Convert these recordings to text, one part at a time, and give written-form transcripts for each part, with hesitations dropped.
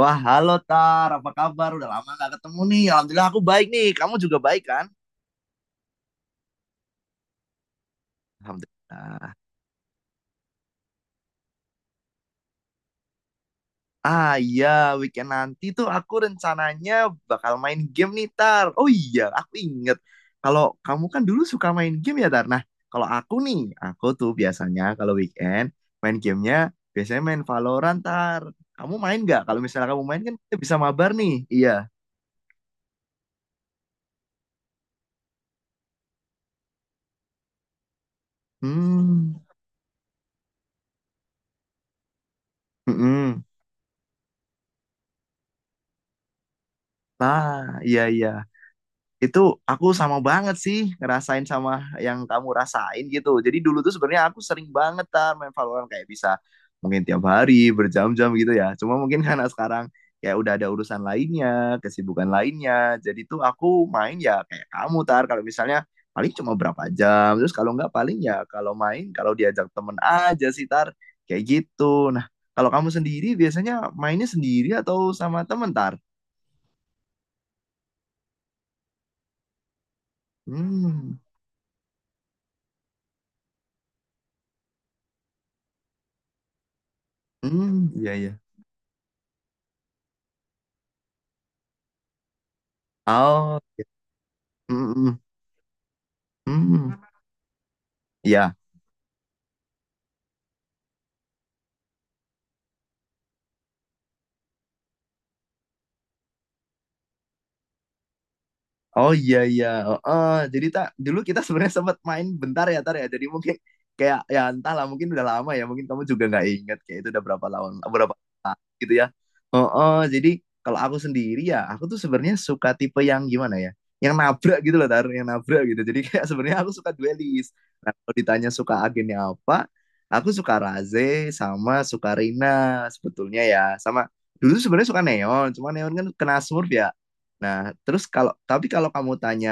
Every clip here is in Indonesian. Wah, halo Tar, apa kabar? Udah lama gak ketemu nih. Alhamdulillah aku baik nih. Kamu juga baik kan? Alhamdulillah. Ah iya, weekend nanti tuh aku rencananya bakal main game nih Tar. Oh iya, aku inget. Kalau kamu kan dulu suka main game ya Tar. Nah, kalau aku nih, aku tuh biasanya kalau weekend main gamenya biasanya main Valorant Tar. Kamu main nggak? Kalau misalnya kamu main kan kita bisa mabar nih. Iya. Hmm. Mm-mm. Ah, iya iya. Itu aku sama banget sih ngerasain sama yang kamu rasain gitu. Jadi dulu tuh sebenarnya aku sering banget Tar, main Valorant kayak bisa mungkin tiap hari berjam-jam gitu ya. Cuma mungkin karena sekarang kayak udah ada urusan lainnya, kesibukan lainnya. Jadi tuh aku main ya kayak kamu Tar kalau misalnya paling cuma berapa jam. Terus kalau nggak paling ya kalau main kalau diajak temen aja sih Tar. Kayak gitu. Nah, kalau kamu sendiri biasanya mainnya sendiri atau sama temen Tar? Hmm. Hmm, iya iya. Oh, mhm, mhm. Iya. Oh iya iya. Heeh. Jadi tak dulu kita sebenarnya sempat main bentar ya Tar ya. Jadi mungkin kayak ya entahlah mungkin udah lama ya. Mungkin kamu juga nggak ingat kayak itu udah berapa lama gitu ya. Oh, oh, jadi kalau aku sendiri ya, aku tuh sebenarnya suka tipe yang gimana ya? Yang nabrak gitu loh, Tar, yang nabrak gitu. Jadi kayak sebenarnya aku suka duelis. Nah, kalau ditanya suka agennya apa, aku suka Raze sama suka Rina sebetulnya ya. Sama dulu sebenarnya suka Neon, cuma Neon kan kena Smurf ya. Nah, terus kalau tapi kalau kamu tanya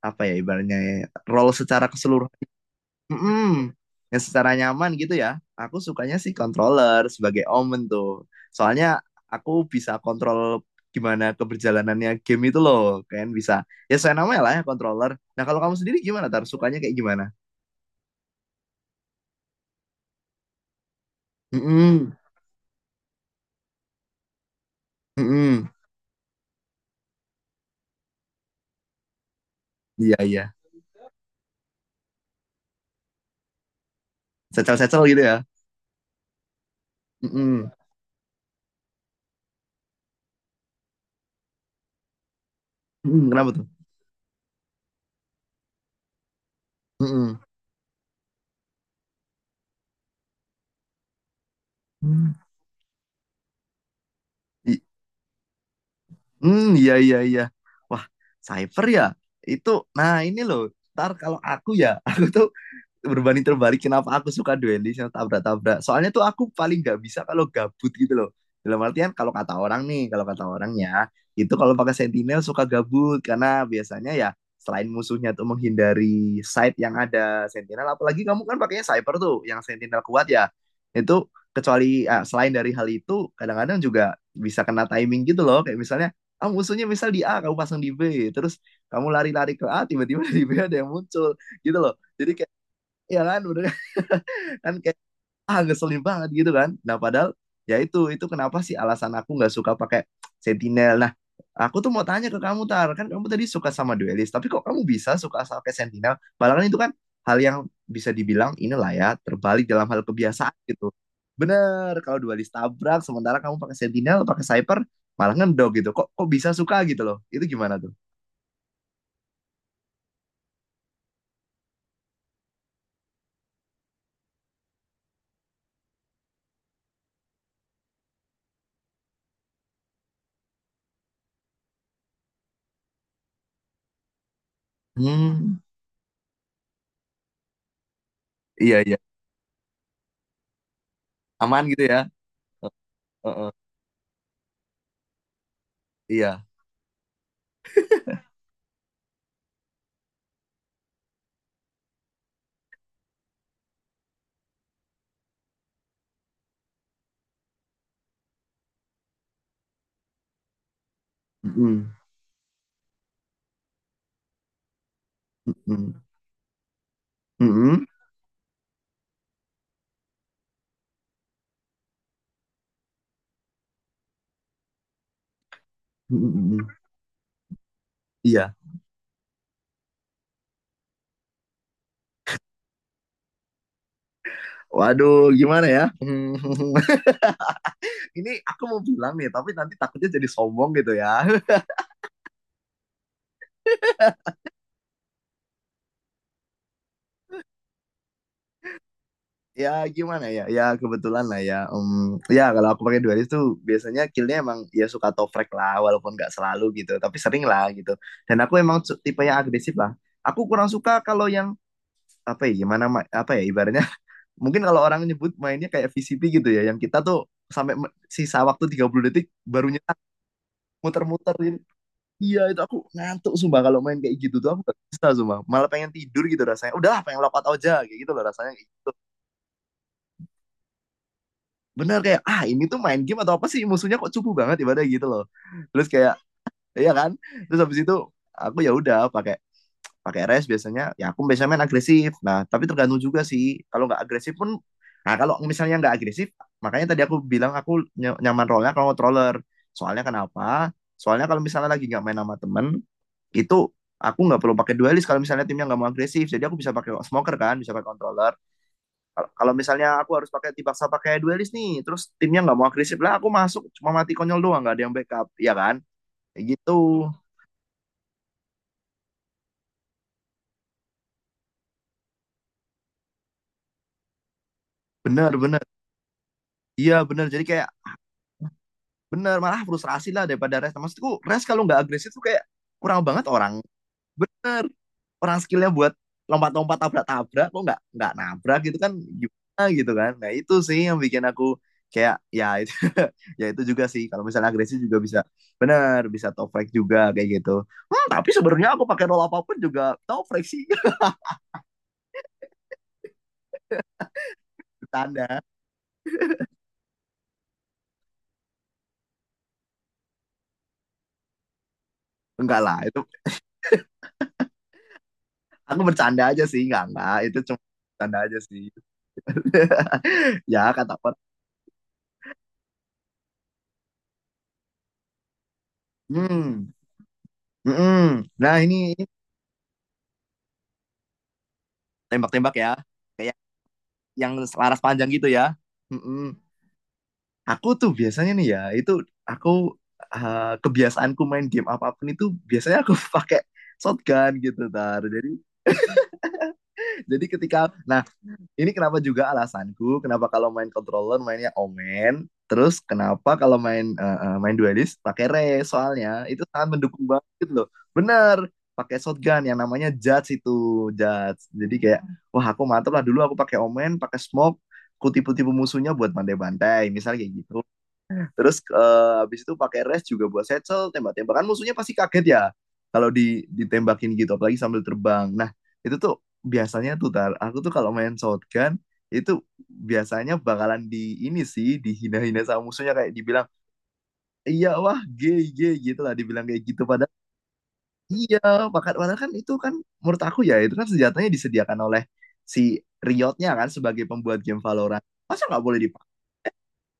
apa ya ibaratnya ya, role secara keseluruhan. Mm-mm. Yang secara nyaman gitu ya. Aku sukanya sih controller sebagai omen tuh. Soalnya aku bisa kontrol gimana keberjalanannya game itu loh. Kan bisa. Ya saya namanya lah ya controller. Nah kalau kamu sendiri gimana Tar? Sukanya kayak gimana? Mm-mm. Mm-mm. Iya iya. Secel-secel gitu ya. Mm-mm. Mm-mm. Kenapa tuh? Mm-mm. Mm. I- mm, iya iya iya. Wah, cyber ya. Itu, nah ini loh. Ntar kalau aku ya, aku tuh berbanding terbalik kenapa aku suka duelis yang tabrak-tabrak. Soalnya tuh aku paling nggak bisa kalau gabut gitu loh. Dalam artian kalau kata orang nih, kalau kata orangnya itu kalau pakai sentinel suka gabut karena biasanya ya selain musuhnya tuh menghindari site yang ada sentinel, apalagi kamu kan pakainya cyber tuh yang sentinel kuat ya. Itu kecuali selain dari hal itu kadang-kadang juga bisa kena timing gitu loh kayak misalnya musuhnya misal di A kamu pasang di B terus kamu lari-lari ke A tiba-tiba di B ada yang muncul gitu loh jadi kayak, iya kan bener kan? Kan kayak, ah, ngeselin banget gitu kan, nah padahal ya itu kenapa sih alasan aku nggak suka pakai sentinel. Nah aku tuh mau tanya ke kamu Tar, kan kamu tadi suka sama duelist, tapi kok kamu bisa suka sama pakai sentinel padahal kan itu kan hal yang bisa dibilang inilah ya, terbalik dalam hal kebiasaan gitu. Bener kalau duelist tabrak, sementara kamu pakai sentinel pakai sniper malah ngendog gitu, kok kok bisa suka gitu loh, itu gimana tuh? Hmm, iya iya. Aman gitu ya. Eh, eh, eh, iya. Mm-mm. Mm-mm. Mm-mm. Mm-mm. Iya. Waduh, gimana ya? Hmm, ini aku mau bilang nih, tapi nanti takutnya jadi sombong gitu ya. Ya gimana ya? Ya kebetulan lah ya. Ya kalau aku pakai dualis tuh biasanya killnya emang ya suka toprek lah, walaupun nggak selalu gitu, tapi sering lah gitu. Dan aku emang tipe yang agresif lah. Aku kurang suka kalau yang apa ya gimana, apa ya ibaratnya, mungkin kalau orang nyebut mainnya kayak VCP gitu ya, yang kita tuh sampai sisa waktu 30 detik baru nyetak, muter-muter gitu. Iya itu aku ngantuk sumpah, kalau main kayak gitu tuh aku gak bisa, sumpah malah pengen tidur gitu rasanya, udahlah pengen lock out aja kayak gitu loh rasanya, kayak gitu bener, kayak ah ini tuh main game atau apa sih, musuhnya kok cupu banget ibadah gitu loh. Terus kayak, iya kan, terus habis itu aku ya udah pakai pakai rest biasanya. Ya aku biasanya main agresif, nah tapi tergantung juga sih. Kalau nggak agresif pun, nah kalau misalnya nggak agresif, makanya tadi aku bilang aku nyaman role kalau controller. Soalnya kenapa, soalnya kalau misalnya lagi nggak main sama temen, itu aku nggak perlu pakai duelist kalau misalnya timnya nggak mau agresif, jadi aku bisa pakai smoker, kan bisa pakai controller. Kalau kalau misalnya aku harus pakai, dipaksa pakai duelist nih, terus timnya nggak mau agresif lah, aku masuk cuma mati konyol doang, nggak ada yang backup ya kan, kayak gitu. Bener bener. Iya bener, jadi kayak, bener, malah frustrasi lah daripada Rest. Maksudku, Rest kalau nggak agresif tuh kayak kurang banget orang. Bener, orang skillnya buat lompat-lompat tabrak-tabrak, kok nggak nabrak gitu kan, gimana gitu kan. Nah itu sih yang bikin aku kayak ya itu ya itu juga sih, kalau misalnya agresif juga bisa, bener, bisa toprak juga kayak gitu. Hmm, tapi sebenarnya aku pakai roll apapun juga toprak sih. Bercanda, enggak lah itu, aku bercanda aja sih, enggak itu, cuma bercanda aja sih. Ya kata orang. Hmm. Mm-mm. Nah ini. Tembak-tembak ya. Kayak yang selaras panjang gitu ya. Mm-mm. Aku tuh biasanya nih ya, itu aku kebiasaanku main game apapun itu biasanya aku pakai shotgun gitu Tar. Jadi ketika, nah, ini kenapa juga alasanku, kenapa kalau main controller mainnya Omen, terus kenapa kalau main main duelist pakai Rey, soalnya itu sangat mendukung banget loh. Bener, pakai shotgun yang namanya Judge itu, Judge. Jadi kayak, wah aku mantep lah, dulu aku pakai Omen, pakai Smoke, ku tipu-tipu musuhnya buat bantai-bantai, misalnya kayak gitu. Terus habis itu pakai res juga buat settle, tembak-tembakan, musuhnya pasti kaget ya kalau ditembakin gitu apalagi sambil terbang. Nah, itu tuh biasanya tuh Tar, aku tuh kalau main shotgun itu biasanya bakalan di ini sih, dihina-hina sama musuhnya, kayak dibilang, iya wah gay gay gitu lah, dibilang kayak gitu, padahal iya padahal padahal kan itu kan, menurut aku ya, itu kan senjatanya disediakan oleh si Riotnya kan sebagai pembuat game Valorant, masa nggak boleh dipakai?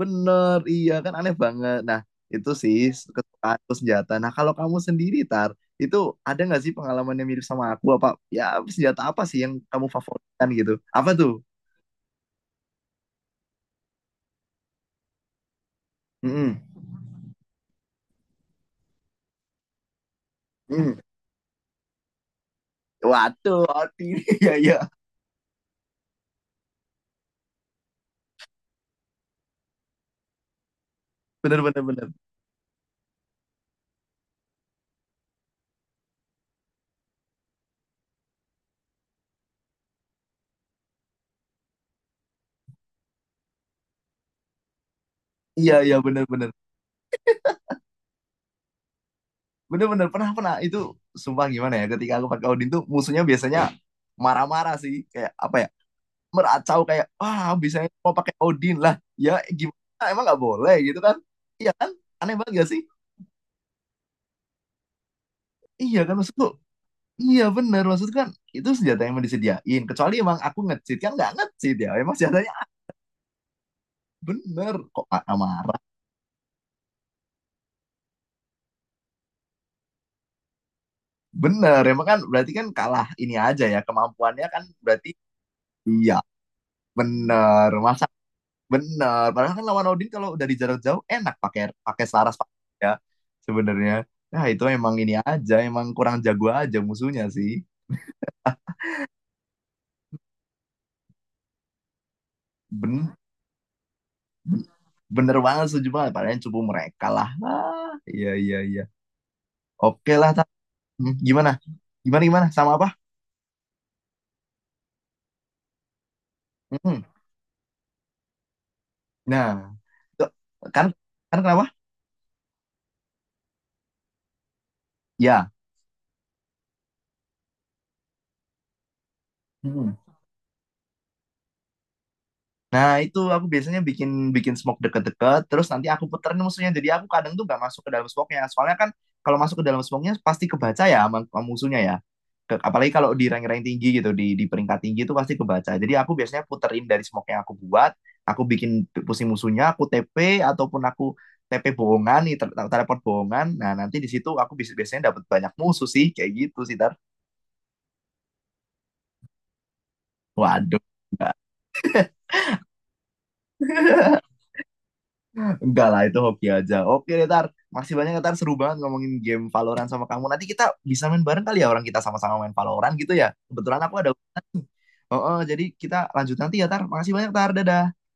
Bener, iya kan, aneh banget. Nah, itu sih kesukaan atau senjata. Nah, kalau kamu sendiri, Tar, itu ada nggak sih pengalaman yang mirip sama aku? Apa ya, senjata apa sih yang kamu favoritkan gitu? Apa tuh? Mm-mm. Mm. Waduh, hati. Iya, iya. Bener, bener, bener. Iya, iya, bener, bener. Bener, bener. Pernah, pernah. Itu sumpah gimana ya? Ketika aku pakai Odin tuh musuhnya biasanya marah-marah sih. Kayak apa ya? Meracau kayak, wah bisa ya, mau pakai Odin lah. Ya, gimana? Emang nggak boleh gitu kan? Iya kan? Aneh banget gak sih? Iya kan maksudku, iya bener maksudku kan, itu senjata yang emang disediain. Kecuali emang aku nge-cheat, kan nggak nge-cheat ya. Emang senjatanya bener, kok marah marah. Bener emang, kan berarti kan kalah ini aja ya kemampuannya kan, berarti iya bener, masa bener. Padahal kan lawan Odin kalau dari jarak jauh enak pakai pakai Saras, pakai, ya sebenarnya. Nah itu emang ini aja, emang kurang jago aja musuhnya sih. Ben ben- Bener banget, setuju banget. Padahal yang cupu mereka lah. Ah, iya iya iya. Oke lah. Hmm, gimana? Gimana gimana? Sama apa? Hmm. Nah, tuh, kan kan kenapa? Ya. Hmm. Nah, itu aku biasanya bikin bikin smoke deket-deket, terus nanti aku puterin musuhnya. Jadi aku kadang tuh nggak masuk ke dalam smoke-nya. Soalnya kan kalau masuk ke dalam smoke-nya pasti kebaca ya sama musuhnya ya. Apalagi kalau di rank-rank tinggi gitu, di peringkat tinggi itu pasti kebaca. Jadi aku biasanya puterin dari smoke yang aku buat, aku bikin pusing musuhnya, aku TP ataupun aku TP bohongan, nih, teleport bohongan. Nah, nanti di situ aku biasanya dapat banyak musuh sih, kayak gitu sih, Tar. Waduh. Enggak lah, itu hoki aja. Oke deh, Tar. Makasih banyak, ya, Tar. Seru banget ngomongin game Valorant sama kamu. Nanti kita bisa main bareng kali ya, orang kita sama-sama main Valorant gitu ya. Kebetulan aku ada urusan. Oh, oh, jadi kita lanjut nanti ya, Tar. Makasih banyak, Tar. Dadah.